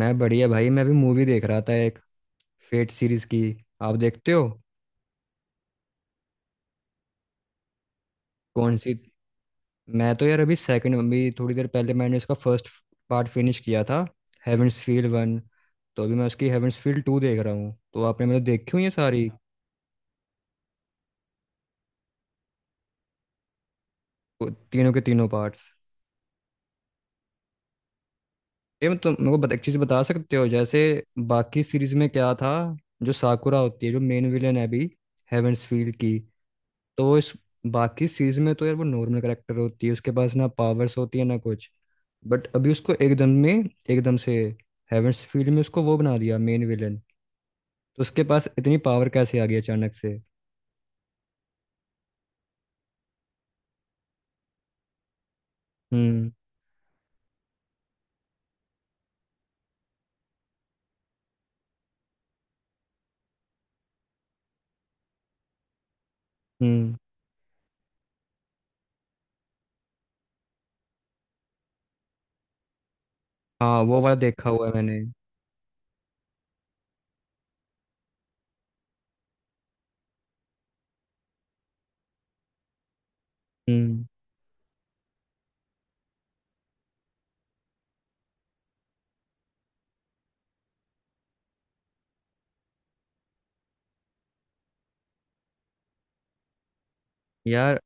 मैं बढ़िया भाई। मैं अभी मूवी देख रहा था, एक फेट सीरीज की। आप देखते हो? कौन सी? मैं तो यार अभी सेकंड, अभी थोड़ी देर पहले मैंने इसका फर्स्ट पार्ट फिनिश किया था, हेवेंस फील्ड वन। तो अभी मैं उसकी हेवेंस फील्ड टू देख रहा हूँ। तो आपने मतलब देखी हुई है सारी, वो तीनों के तीनों पार्ट्स? ये मैं तुम मेरे को बता- एक चीज़ बता सकते हो? जैसे बाकी सीरीज में क्या था? जो साकुरा होती है, जो मेन विलेन है अभी हेवेंस फील्ड की। तो इस बाकी सीरीज में तो यार वो नॉर्मल करेक्टर होती है, उसके पास ना पावर्स होती है ना कुछ। बट अभी उसको एकदम से हेवेंस फील्ड में उसको वो बना दिया मेन विलन। तो उसके पास इतनी पावर कैसे आ गई अचानक से? हम्म। हम्म। हाँ, वो वाला देखा हुआ है मैंने। हम्म। यार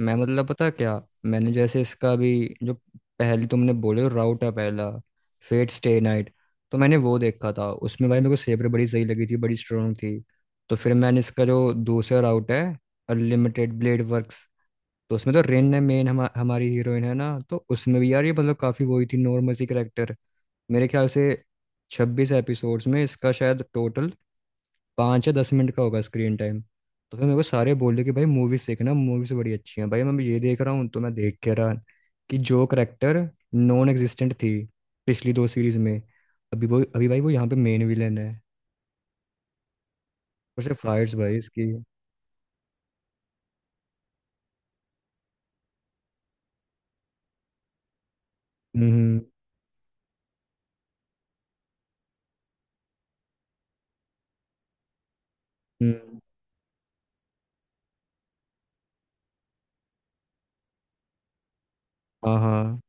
मैं मतलब पता क्या, मैंने जैसे इसका भी जो पहले तुमने बोले राउट है, पहला फेट स्टे नाइट, तो मैंने वो देखा था। उसमें भाई मेरे को सेबर बड़ी सही लगी थी, बड़ी स्ट्रांग थी। तो फिर मैंने इसका जो दूसरा राउट है, अनलिमिटेड ब्लेड वर्क्स, तो उसमें तो रेन है मेन हमारी हीरोइन है ना। तो उसमें भी यार ये मतलब काफ़ी वही थी, नॉर्मल सी करेक्टर। मेरे ख्याल से 26 एपिसोड्स में इसका शायद टोटल 5 या 10 मिनट का होगा स्क्रीन टाइम। तो फिर मेरे को सारे बोले कि भाई मूवीज देखना, मूवीज बड़ी अच्छी हैं। भाई मैं ये देख रहा हूँ, तो मैं देख के रहा कि जो करेक्टर नॉन एग्जिस्टेंट थी पिछली दो सीरीज में, अभी भाई वो यहाँ पे मेन विलेन है। और सिर्फ फाइट्स भाई इसकी। हम्म। हम्म। हाँ। हाँ।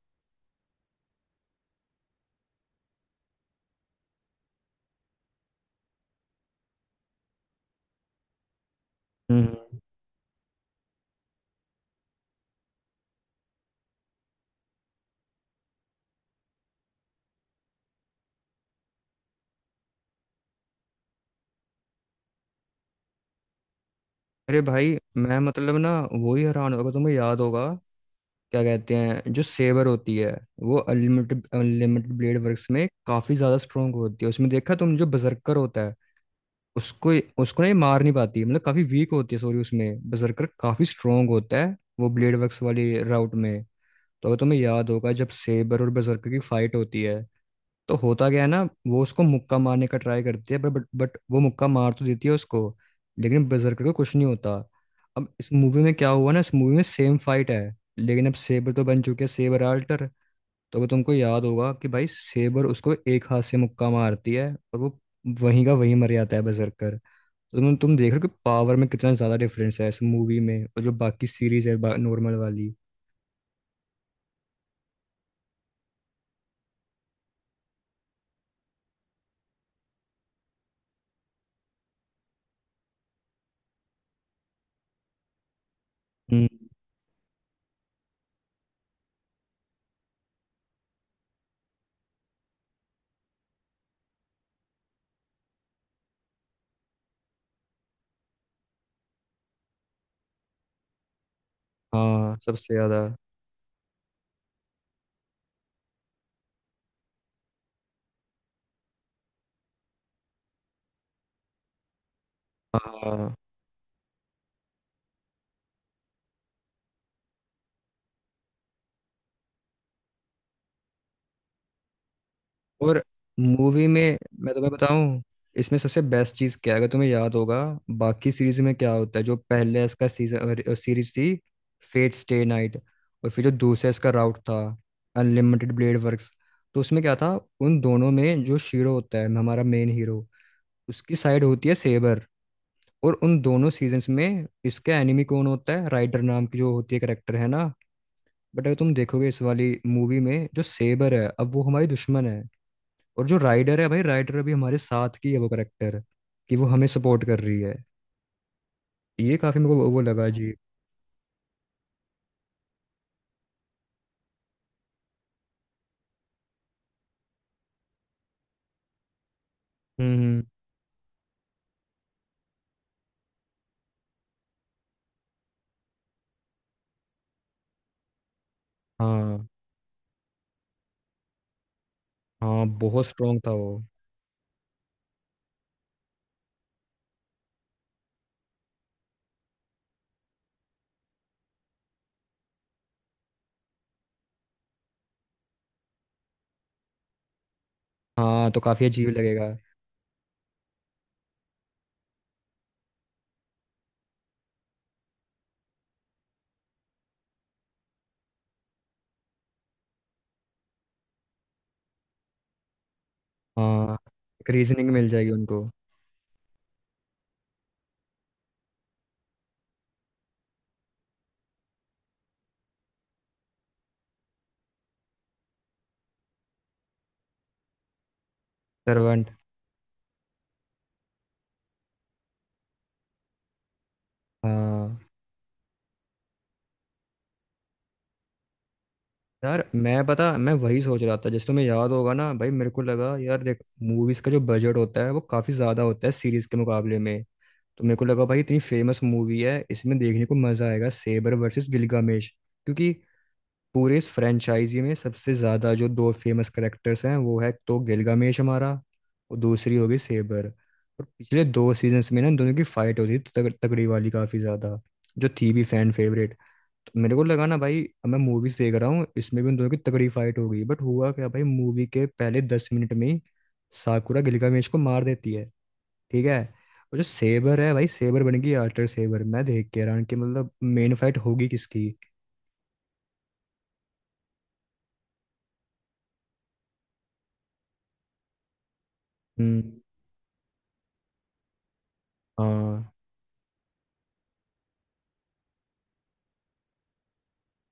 हम्म। अरे भाई, मैं मतलब ना, वो ही हैरान होगा। तुम्हें याद होगा क्या कहते हैं, जो सेवर होती है, वो अनलिमिटेड अनलिमिटेड ब्लेड वर्क्स में काफी ज्यादा स्ट्रोंग होती है। उसमें देखा तुम, जो बजर्कर होता उसको, ना ये मार नहीं पाती, मतलब काफी वीक होती है। सॉरी, उसमें बजरकर काफी स्ट्रोंग होता है वो ब्लेड वर्क्स वाली राउट में। तो अगर तुम्हें याद होगा, जब सेबर और बजरकर की फाइट होती है, तो होता क्या है ना, वो उसको मुक्का मारने का ट्राई करती है, बट वो मुक्का मार तो देती है उसको, लेकिन बजरकर को कुछ नहीं होता। अब इस मूवी में क्या हुआ ना, इस मूवी में सेम फाइट है, लेकिन अब सेबर तो बन चुके हैं सेबर आल्टर। तो अगर तुमको याद होगा, कि भाई सेबर उसको एक हाथ से मुक्का मारती है, और वो वहीं का वहीं मर जाता है बजरकर। तुम देख रहे हो कि पावर में कितना ज्यादा डिफरेंस है इस मूवी में और जो बाकी सीरीज है नॉर्मल वाली। हम्म। हाँ, सबसे ज्यादा। हाँ। और मूवी में मैं तुम्हें बताऊं, इसमें सबसे बेस्ट चीज क्या है? अगर तुम्हें याद होगा बाकी सीरीज में क्या होता है, जो पहले इसका सीजन सीरीज थी फेट स्टे नाइट, और फिर जो दूसरा इसका राउट था अनलिमिटेड ब्लेड वर्क्स, तो उसमें क्या था? उन दोनों में जो शीरो होता है हमारा मेन हीरो, उसकी साइड होती है सेबर, और उन दोनों सीजन्स में इसका एनिमी कौन होता है? राइडर नाम की जो होती है करेक्टर है ना। बट अगर तुम देखोगे इस वाली मूवी में, जो सेबर है अब वो हमारी दुश्मन है, और जो राइडर है, भाई राइडर अभी हमारे साथ की है वो करेक्टर, कि वो हमें सपोर्ट कर रही है। ये काफी मेरे को वो लगा जी। हम्म। हम्म। हाँ। हाँ, बहुत स्ट्रांग था वो। हाँ, तो काफी अजीब लगेगा। हाँ, एक रीजनिंग मिल जाएगी उनको। सर्वेंट। हाँ यार, मैं पता मैं वही सोच रहा था। जैसे तुम्हें याद होगा ना भाई, मेरे को लगा यार, देख मूवीज का जो बजट होता है वो काफी ज्यादा होता है सीरीज के मुकाबले में। तो मेरे को लगा भाई इतनी फेमस मूवी है, इसमें देखने को मजा आएगा सेबर वर्सेस गिलगामेश, क्योंकि पूरे इस फ्रेंचाइजी में सबसे ज्यादा जो दो फेमस करेक्टर्स हैं वो है तो गिलगामेश हमारा, और दूसरी होगी सेबर। और पिछले दो सीजन्स में ना इन दोनों की फाइट होती थी तगड़ी वाली काफी ज्यादा, जो थी भी फैन फेवरेट। मेरे को लगा ना भाई मैं मूवीज देख रहा हूँ, इसमें भी उन दोनों की तगड़ी फाइट हो गई, बट हुआ क्या भाई, मूवी के पहले 10 मिनट में ही साकुरा गिलगामेश को मार देती है। ठीक है। और जो सेबर है भाई, सेबर बन गई आर्टर सेबर। मैं देख के हैरान कि मतलब मेन फाइट होगी किसकी? हम्म। हाँ,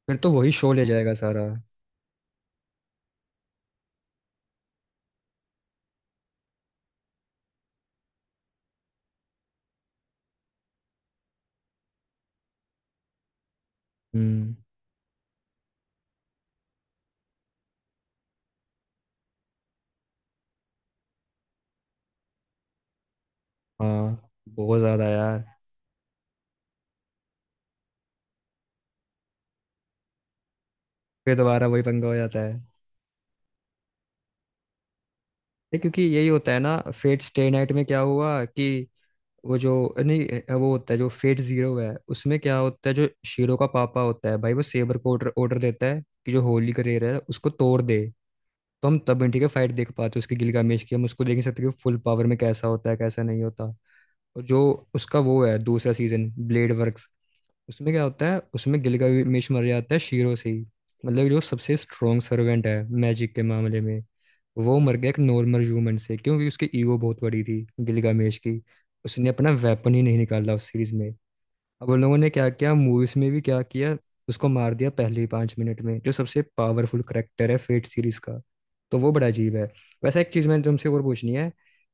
फिर तो वही शो ले जाएगा सारा। हम्म। हाँ, बहुत ज्यादा यार। फिर दोबारा वही पंगा हो जाता है। ये क्योंकि यही होता है ना, फेट स्टे नाइट में क्या हुआ कि वो जो नहीं, वो होता है जो फेट जीरो है, उसमें क्या होता है, जो शीरो का पापा होता है भाई, वो सेबर को ऑर्डर ऑर्डर देता है कि जो होली का रेयर है उसको तोड़ दे। तो हम तब इंडी का फाइट देख पाते हैं उसकी गिलगामेश की। हम उसको देख नहीं सकते कि फुल पावर में कैसा होता है कैसा नहीं होता। और जो उसका वो है दूसरा सीजन ब्लेड वर्क्स, उसमें क्या होता है, उसमें गिलगामेश मर जाता है शीरो से ही। मतलब जो सबसे स्ट्रॉन्ग सर्वेंट है मैजिक के मामले में, वो मर गया एक नॉर्मल ह्यूमन से, क्योंकि उसकी ईगो बहुत बड़ी थी गिलगामेश की। उसने अपना वेपन ही नहीं निकाला उस सीरीज में। अब उन लोगों ने क्या किया मूवीज में भी क्या किया, उसको मार दिया पहले ही 5 मिनट में, जो सबसे पावरफुल करेक्टर है फेट सीरीज का। तो वो बड़ा अजीब है। वैसे एक चीज़ मैंने तुमसे और पूछनी है,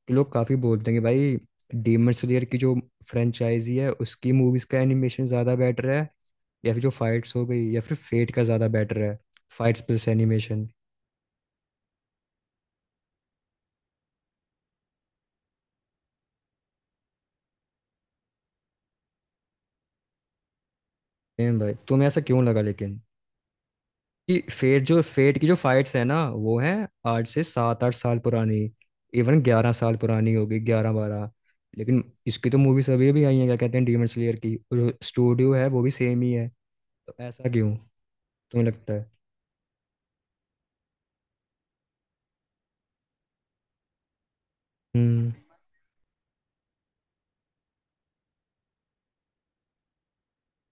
कि लोग काफ़ी बोलते हैं कि भाई डीमन स्लेयर की जो फ्रेंचाइजी है, उसकी मूवीज़ का एनिमेशन ज़्यादा बेटर है, या फिर जो फाइट्स हो गई, या फिर फेट का ज़्यादा बेटर है, फाइट्स प्लस एनिमेशन? भाई तुम्हें ऐसा क्यों लगा लेकिन, कि फेट, जो फेट की जो फाइट्स है ना वो है आज से 7-8 साल पुरानी, इवन 11 साल पुरानी होगी, 11-12। लेकिन इसकी तो मूवीज अभी अभी आई हैं, क्या कहते हैं, डीमन स्लेयर की, और जो स्टूडियो है वो भी सेम ही है। तो ऐसा क्यों तुम्हें लगता है? हम्म।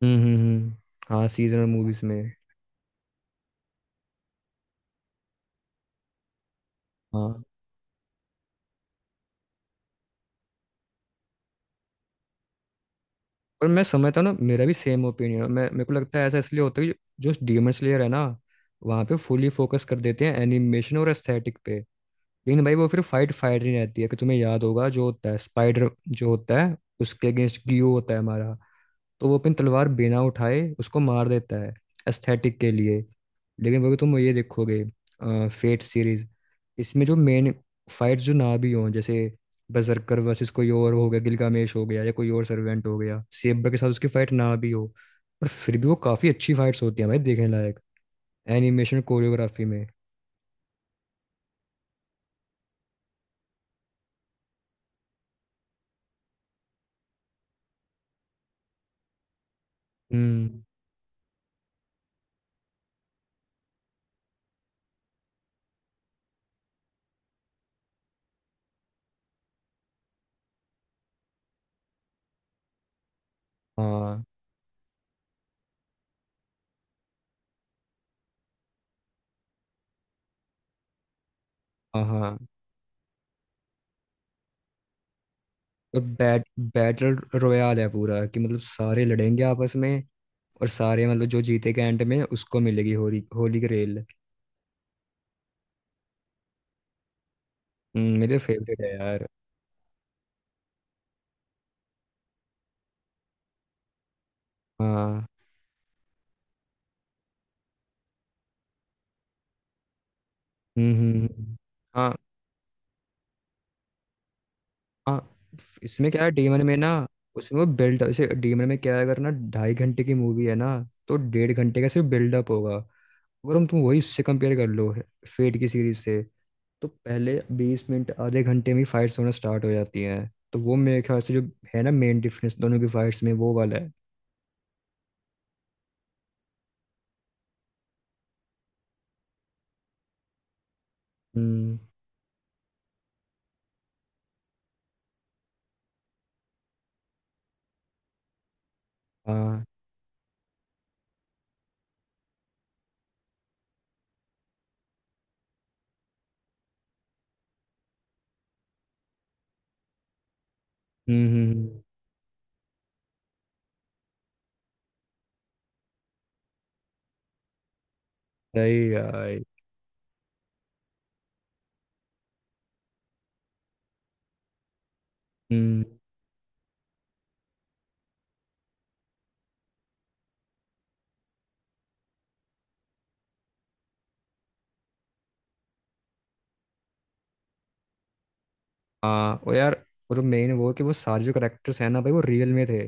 हम्म। हम्म। हम्म। हाँ, सीजनल मूवीज में। हाँ। और मैं समझता हूँ ना, मेरा भी सेम ओपिनियन है। मैं, मेरे को लगता है ऐसा इसलिए होता है कि जो डीमन स्लेयर है ना, वहाँ पे फुली फोकस कर देते हैं एनिमेशन और एस्थेटिक पे, लेकिन भाई वो फिर फाइट फाइट नहीं रहती है। कि तुम्हें याद होगा जो होता है, स्पाइडर जो होता है, उसके अगेंस्ट गियो होता है हमारा, तो वो अपनी तलवार बिना उठाए उसको मार देता है एस्थेटिक के लिए। लेकिन वो तुम ये देखोगे फेट सीरीज, इसमें जो मेन फाइट्स जो ना भी हों, जैसे बजरकर वर्सेस कोई और हो गया, गिलगामेश हो गया या कोई और सर्वेंट हो गया, सेब्रा के साथ उसकी फाइट ना भी हो, पर फिर भी वो काफी अच्छी फाइट्स होती हैं भाई, देखने लायक, एनिमेशन कोरियोग्राफी में। हम्म। हाँ। हाँ। हाँ। बैट बैटल रोyale है पूरा, कि मतलब सारे लड़ेंगे आपस में, और सारे मतलब जो जीतेगा एंड में उसको मिलेगी होली होली ग्रेल। मेरे फेवरेट है यार। हाँ। हम्म। हम्म। हम्म। हम्म। हाँ। हाँ। इसमें क्या है डीमन में ना, उसमें वो बिल्ड जैसे डीमन में क्या है, अगर ना 2.5 घंटे की मूवी है ना, तो 1.5 घंटे का सिर्फ बिल्डअप होगा, अगर हम तुम वही उससे कंपेयर कर लो फेट की सीरीज से। तो पहले 20 मिनट आधे घंटे में फाइट्स होना स्टार्ट हो जाती हैं। तो वो मेरे ख्याल से जो है ना मेन डिफरेंस दोनों की फाइट्स में वो वाला है। हम्म। हाँ। हम्म। हम्म। हम्म। सही यार। हम्म। हाँ। और यार, और मेन वो, कि वो सारे जो करेक्टर्स हैं ना भाई वो रियल में थे,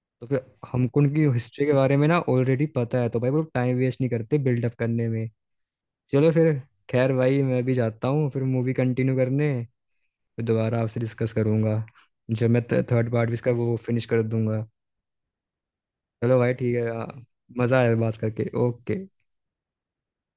तो फिर हमको उनकी हिस्ट्री के बारे में ना ऑलरेडी पता है, तो भाई वो टाइम वेस्ट नहीं करते बिल्डअप करने में। चलो फिर, खैर भाई मैं भी जाता हूँ फिर मूवी कंटिन्यू करने। फिर दोबारा आपसे डिस्कस करूंगा, जब मैं थर्ड पार्ट भी इसका वो फिनिश कर दूंगा। चलो भाई ठीक है। मजा आया बात करके। ओके।